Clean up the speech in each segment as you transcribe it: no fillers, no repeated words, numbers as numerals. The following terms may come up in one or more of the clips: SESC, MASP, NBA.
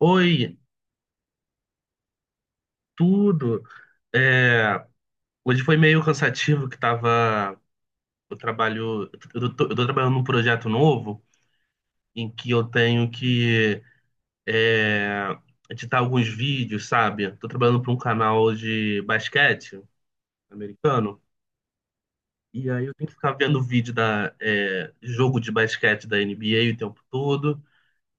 Oi, tudo. É, hoje foi meio cansativo que tava. Eu trabalho. Eu tô trabalhando num projeto novo em que eu tenho que é, editar alguns vídeos, sabe? Tô trabalhando para um canal de basquete americano. E aí eu tenho que ficar vendo vídeo jogo de basquete da NBA o tempo todo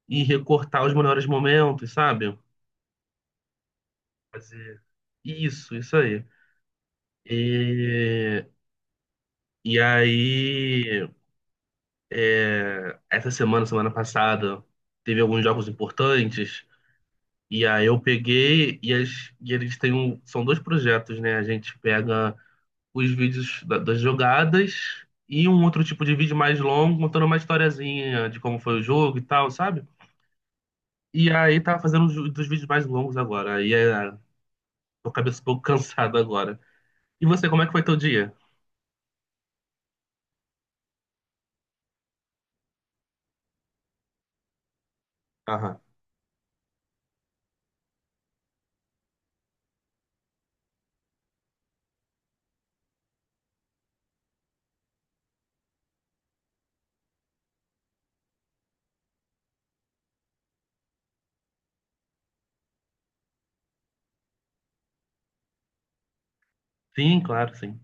e recortar os melhores momentos, sabe? Fazer isso, isso aí. E, e aí. É, essa semana, semana passada, teve alguns jogos importantes. E aí eu peguei e eles têm um, são dois projetos, né? A gente pega os vídeos das jogadas e um outro tipo de vídeo mais longo, contando uma historiazinha de como foi o jogo e tal, sabe? E aí tava fazendo dos vídeos mais longos agora. E aí, tô com a cabeça um pouco cansada agora. E você, como é que foi teu dia? Aham. Sim, claro, sim.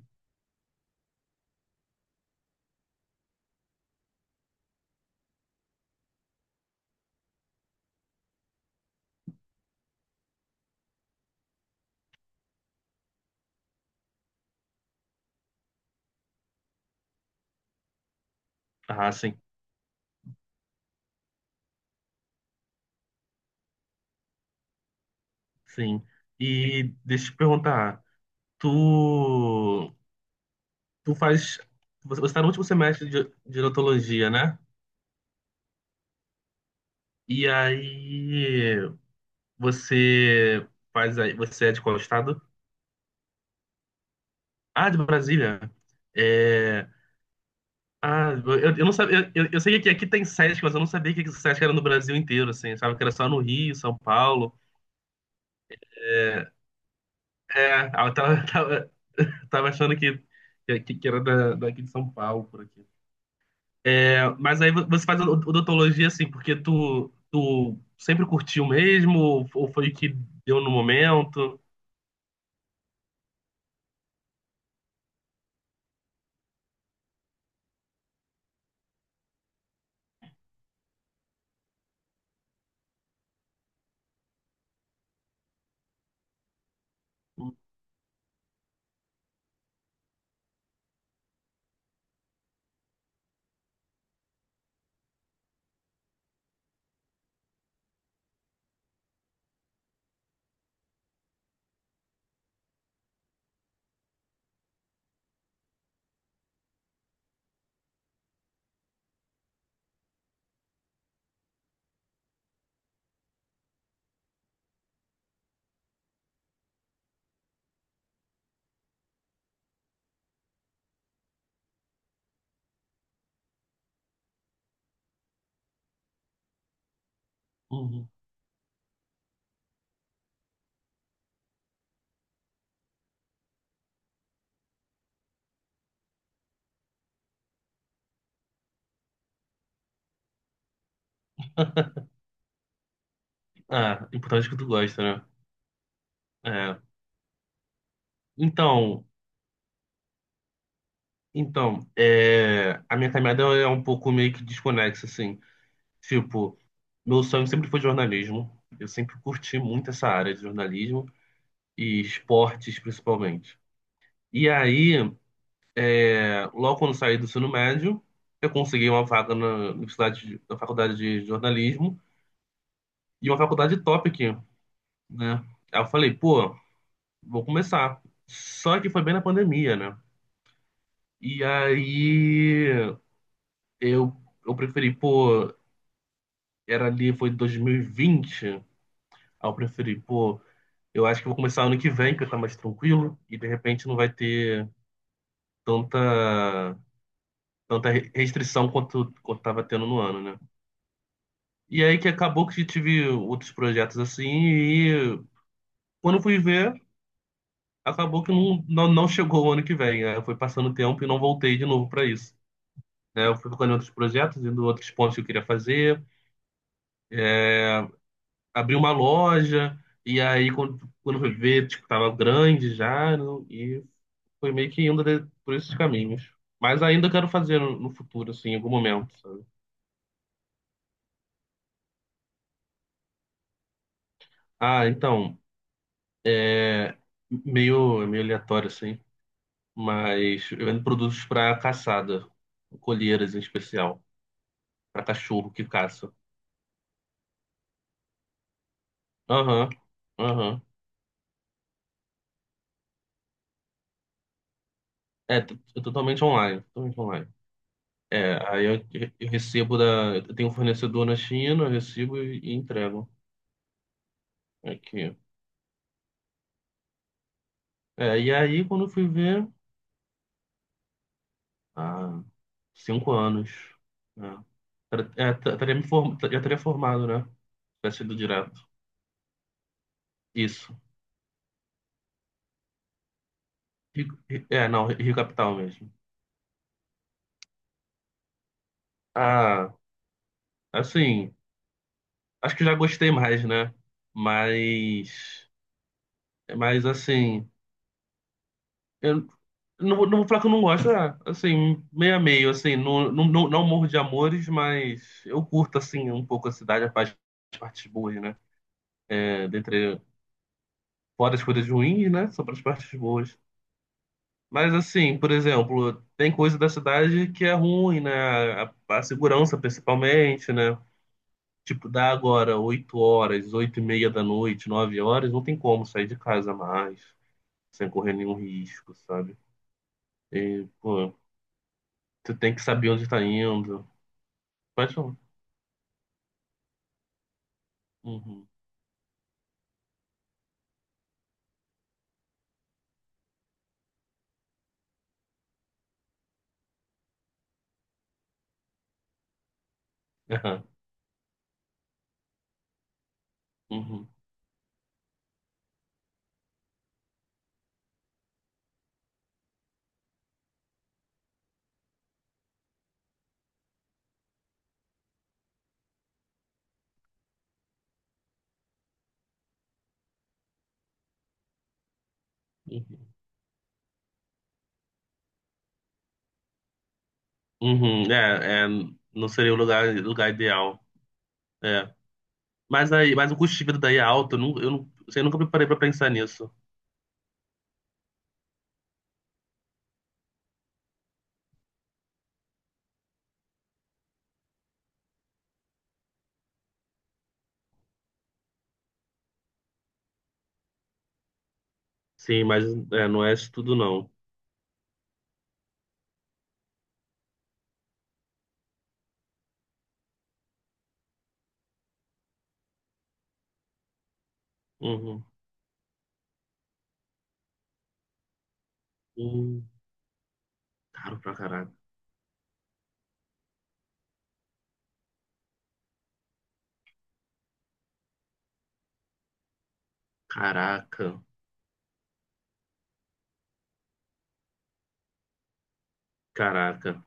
Ah, sim, sim. E deixa eu te perguntar. tu, tu faz. Você está no último semestre de odontologia, né? E aí você faz aí. Você é de qual estado? Ah, de Brasília. É. Ah, eu não sabia. Eu sei que aqui tem SESC, mas eu não sabia que o SESC era no Brasil inteiro, assim. Sabe que era só no Rio, São Paulo. É, eu tava, tava achando que era daqui de São Paulo, por aqui. É, mas aí você faz odontologia assim, porque tu sempre curtiu mesmo, ou foi o que deu no momento? Uhum. Ah, importante que tu gosta, né? É. Então, a minha caminhada é um pouco meio que desconexa, assim. Tipo, meu sonho sempre foi jornalismo. Eu sempre curti muito essa área de jornalismo e esportes, principalmente. E aí, logo quando saí do ensino médio, eu consegui uma vaga na universidade, na faculdade de jornalismo e uma faculdade top aqui, né? Aí eu falei, pô, vou começar. Só que foi bem na pandemia, né? E aí eu, eu preferi, pô, era ali, foi 2020. Aí eu preferi, pô, eu acho que vou começar ano que vem, que eu tá mais tranquilo e de repente não vai ter tanta, tanta restrição quanto tava tendo no ano, né? E aí que acabou que tive outros projetos assim, e quando fui ver, acabou que não, não, não chegou o ano que vem. Né? Foi passando o tempo e não voltei de novo para isso. Né? Eu fui ficando em outros projetos, indo em outros pontos que eu queria fazer, abri uma loja, e aí quando fui ver, tipo, tava grande já, e foi meio que por esses caminhos. Mas ainda quero fazer no futuro, assim, em algum momento, sabe? Ah, então, meio, meio aleatório, assim. Mas eu vendo produtos para caçada, colheiras em especial, para cachorro que caça. Aham, aham. É, totalmente online, totalmente online. É, aí eu recebo da. Eu tenho um fornecedor na China, eu recebo e entrego aqui. É, e aí, quando eu fui ver, há 5 anos, né? Já teria formado, né? Tivesse sido direto. Isso. Rio- É, não, Rio Capital mesmo. Ah, assim. Acho que já gostei mais, né? Mas, mas, assim, eu não vou falar que eu não gosto, assim, meio a meio, assim, não, não, não, não morro de amores, mas eu curto, assim, um pouco a cidade, as partes boas, né? É, fora as coisas ruins, né? Só para as partes boas. Mas, assim, por exemplo, tem coisa da cidade que é ruim, né? A segurança, principalmente, né? Tipo, dá agora 8h, 8h30 da noite, 9h, não tem como sair de casa mais, sem correr nenhum risco, sabe? E, pô, você tem que saber onde tá indo. Pode falar. Uhum. Aham. Uhum. Uhum. Uhum. É, é, não seria o lugar ideal. É. Mas aí, mas o custo de vida daí é alto. Eu, assim, eu nunca me parei pra pensar nisso. Sim, mas é, não é isso tudo, não. Uhum. Hum, caro pra caraca. Caraca. Caraca.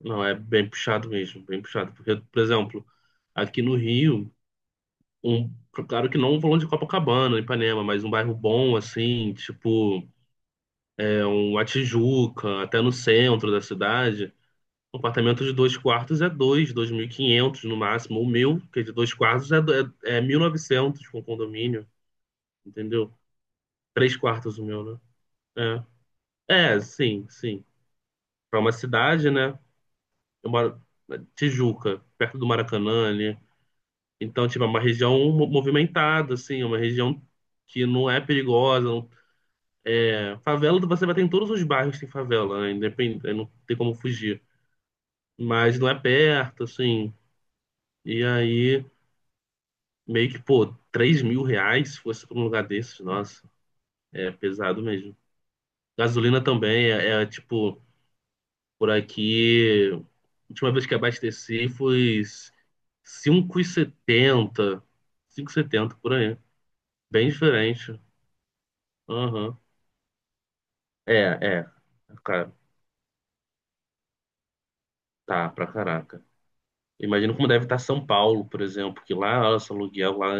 Não, é bem puxado mesmo, bem puxado. Porque, por exemplo, aqui no Rio. Um, claro que não um valão de Copacabana, Ipanema, mas um bairro bom, assim, tipo, uma Tijuca, até no centro da cidade. Um apartamento de dois quartos é 2.500 no máximo. O meu, que é de dois quartos, é 1.900 com condomínio, entendeu? Três quartos o meu, né? É, é sim, sim. Para uma cidade, né? Eu moro na Tijuca, perto do Maracanã, né? Então, tipo, é uma região movimentada, assim, é uma região que não é perigosa. Favela, você vai ter em todos os bairros que tem favela, né? Independente, não tem como fugir. Mas não é perto, assim. E aí, meio que, pô, 3.000 reais se fosse pra um lugar desses, nossa, é pesado mesmo. Gasolina também tipo, por aqui, a última vez que abasteci foi 5,70, 5,70 por aí. Bem diferente. Aham. É, é. Cara, tá, pra caraca. Imagino como deve estar São Paulo, por exemplo, que lá, nossa, o aluguel lá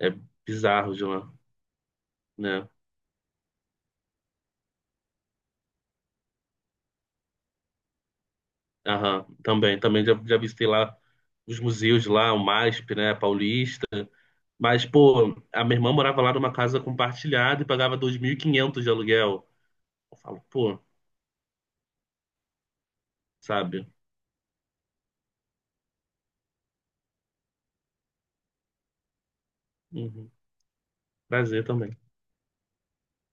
é bizarro de lá, né? Aham, também, também já, já visitei lá os museus de lá, o MASP, né, Paulista. Mas, pô, a minha irmã morava lá numa casa compartilhada e pagava 2.500 de aluguel. Eu falo, pô, sabe? Uhum, prazer também.